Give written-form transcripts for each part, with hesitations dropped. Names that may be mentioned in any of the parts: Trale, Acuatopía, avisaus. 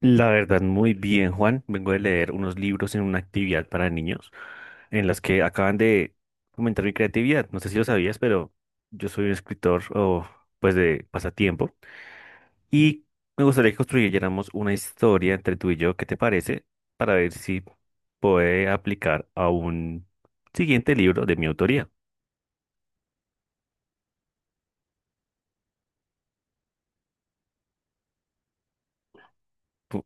La verdad, muy bien, Juan. Vengo de leer unos libros en una actividad para niños en las que acaban de aumentar mi creatividad. No sé si lo sabías, pero yo soy un escritor o pues de pasatiempo y me gustaría que construyéramos una historia entre tú y yo. ¿Qué te parece? Para ver si puede aplicar a un siguiente libro de mi autoría. Pu-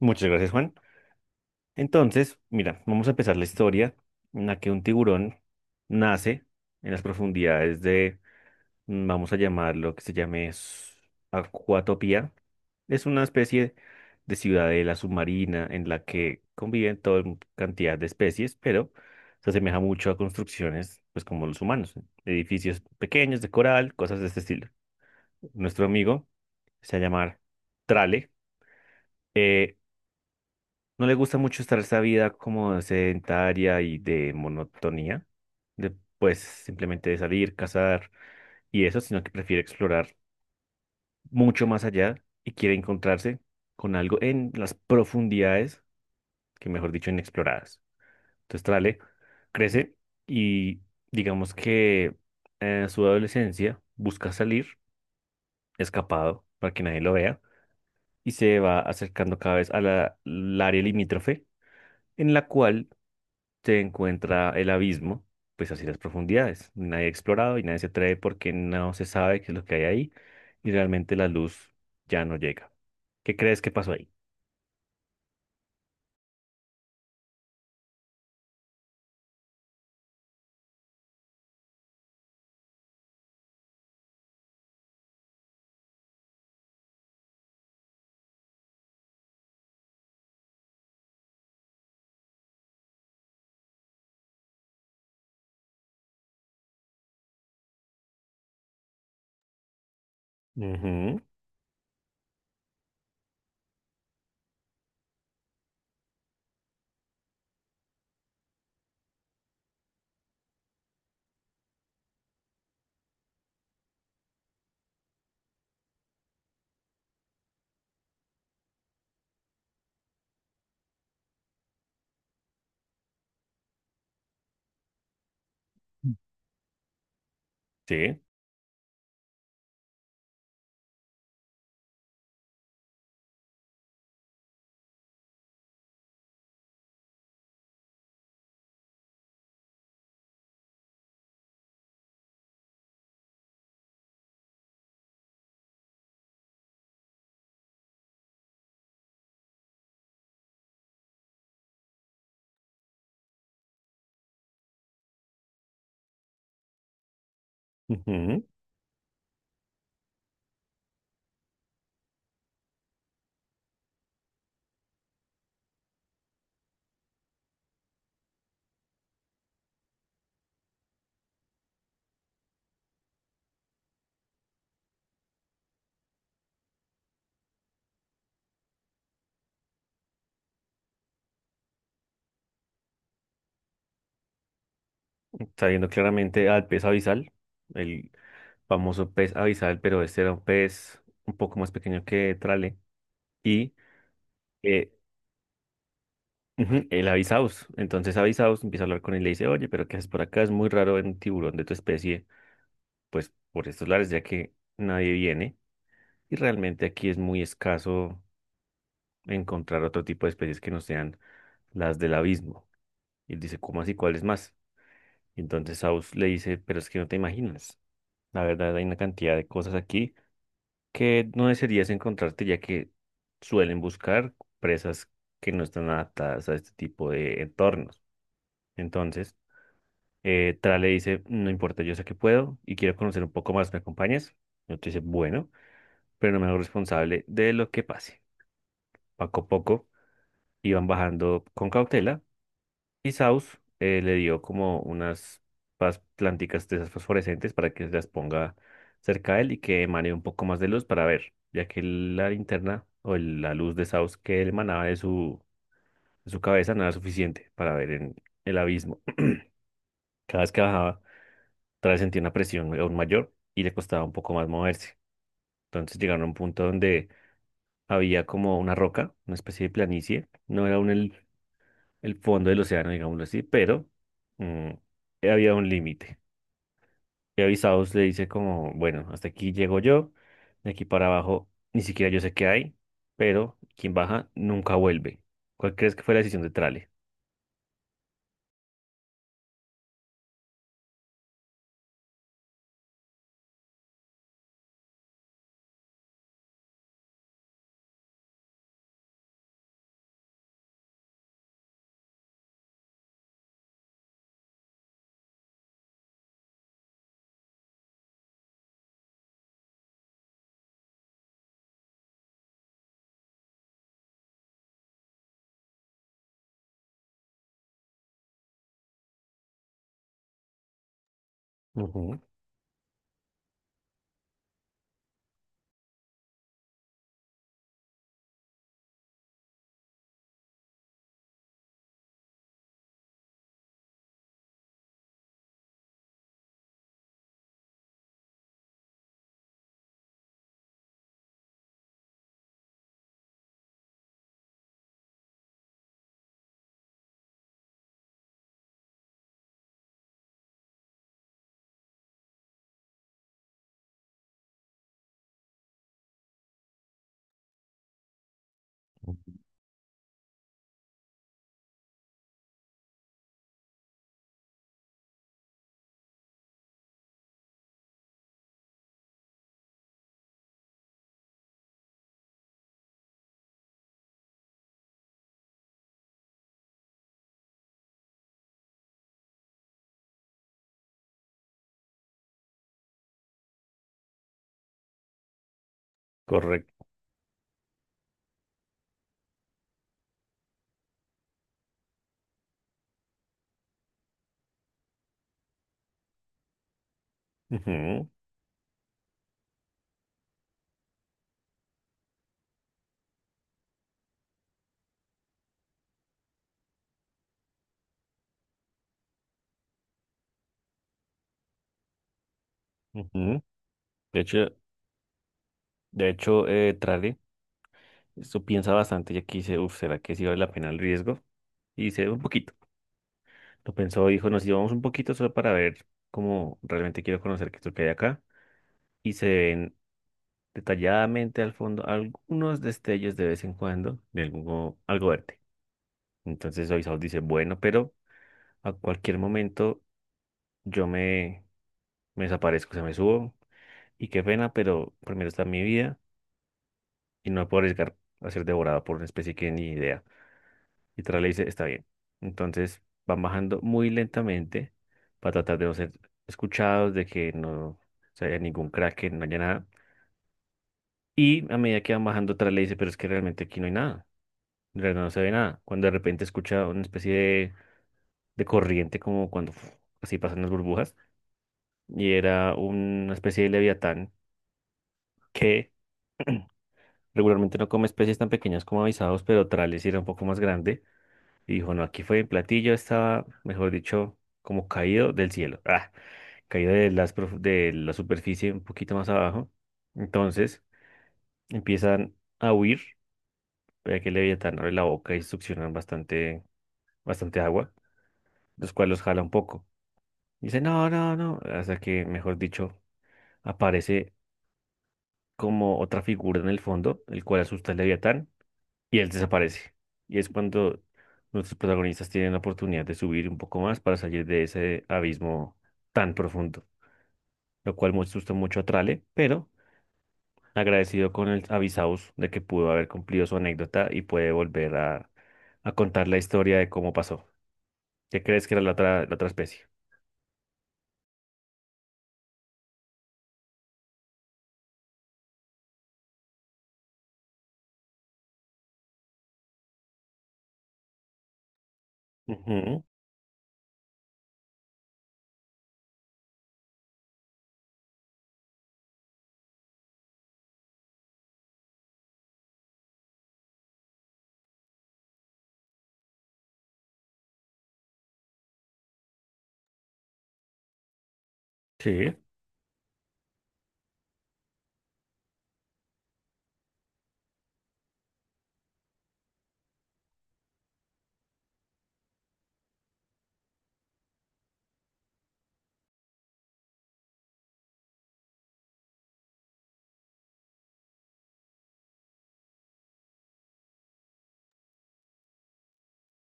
Muchas gracias, Juan. Entonces, mira, vamos a empezar la historia en la que un tiburón nace en las profundidades. Vamos a llamarlo, que se llame Acuatopía. Es una especie de ciudadela submarina en la que conviven cantidad de especies, pero se asemeja mucho a construcciones, pues como los humanos, edificios pequeños de coral, cosas de este estilo. Nuestro amigo se llama Trale. eh, no le gusta mucho estar esa vida como sedentaria y de monotonía, de pues simplemente de salir, cazar y eso, sino que prefiere explorar mucho más allá y quiere encontrarse con algo en las profundidades, que mejor dicho, inexploradas. Entonces Trale crece y digamos que en su adolescencia busca salir escapado para que nadie lo vea y se va acercando cada vez a al área limítrofe en la cual se encuentra el abismo, pues así las profundidades. Nadie ha explorado y nadie se atreve porque no se sabe qué es lo que hay ahí y realmente la luz ya no llega. ¿Qué crees que pasó ahí? Ujú. Sí. Ujú. Está viendo claramente al pez abisal, el famoso pez abisal, pero este era un pez un poco más pequeño que Trale. Y eh, ujú, el avisaus. Entonces avisaus empieza a hablar con él y le dice, oye, pero ¿qué haces por acá? Es muy raro ver un tiburón de tu especie, pues por estos lares, ya que nadie viene. Y realmente aquí es muy escaso encontrar otro tipo de especies que no sean las del abismo. Y él dice, ¿cómo así? ¿Cuáles más? Y entonces Saus le dice, pero es que no te imaginas. La verdad, hay una cantidad de cosas aquí que no desearías encontrarte, ya que suelen buscar presas que no están adaptadas a este tipo de entornos. Entonces, Tra le dice, no importa, yo sé que puedo y quiero conocer un poco más, ¿me acompañas? Y otro dice, bueno, pero no me hago responsable de lo que pase. Poco a poco iban bajando con cautela. Y Saus le dio como unas planticas de esas fosforescentes para que las ponga cerca de él y que emane un poco más de luz para ver, ya que la linterna o la luz de Saus que él emanaba de su cabeza no era suficiente para ver en el abismo. Cada vez que bajaba, otra vez sentía una presión aún mayor y le costaba un poco más moverse. Entonces llegaron a un punto donde había como una roca, una especie de planicie. No era el fondo del océano, digámoslo así, pero mm, había un límite. Y avisados le dice como, bueno, hasta aquí llego yo, de aquí para abajo ni siquiera yo sé qué hay, pero quien baja nunca vuelve. ¿Cuál crees que fue la decisión de Trale? Ujú. Correcto. Ujú. Ujú. De hecho, de hecho, Trale esto piensa bastante y aquí dice, uff, ¿será que sí vale la pena el riesgo? Y dice, un poquito. Lo pensó, dijo, nos íbamos un poquito solo para ver cómo realmente quiero conocer qué es lo que hay acá. Y se ven detalladamente al fondo algunos destellos de vez en cuando de algo, algo verde. Entonces Oisaos dice, bueno, pero a cualquier momento yo me, me desaparezco, se me subo y qué pena, pero primero está mi vida y no me puedo arriesgar a ser devorado por una especie que ni idea. Y Tras le dice, está bien. Entonces van bajando muy lentamente para tratar de no ser escuchados, de que no se haya ningún crack, no haya nada. Y a medida que van bajando, Tras le dice, pero es que realmente aquí no hay nada. Pero no se ve nada. Cuando de repente escucha una especie de corriente, como cuando uf, así pasan las burbujas, y era una especie de leviatán que regularmente no come especies tan pequeñas como avisados, pero Trales era un poco más grande. Y dijo: No, aquí fue en platillo, estaba, mejor dicho, como caído del cielo, ah, caído de, las, de la superficie un poquito más abajo. Entonces empiezan a huir, pero que el leviatán abre la boca y succionan bastante, bastante agua, los cuales los jala un poco. Dice, no, no, no. Hasta que, mejor dicho, aparece como otra figura en el fondo, el cual asusta al Leviatán, y él desaparece. Y es cuando nuestros protagonistas tienen la oportunidad de subir un poco más para salir de ese abismo tan profundo, lo cual me asusta mucho a Trale, pero agradecido con el Avisaus de que pudo haber cumplido su anécdota y puede volver a contar la historia de cómo pasó. ¿Qué crees que era la otra especie? Ujú. Sí.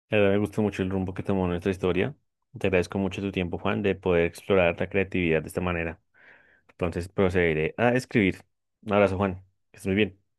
La verdad me gustó mucho el rumbo que tomó nuestra historia. Te agradezco mucho tu tiempo, Juan, de poder explorar la creatividad de esta manera. Entonces procederé a escribir. Un abrazo, Juan. Que estés muy bien.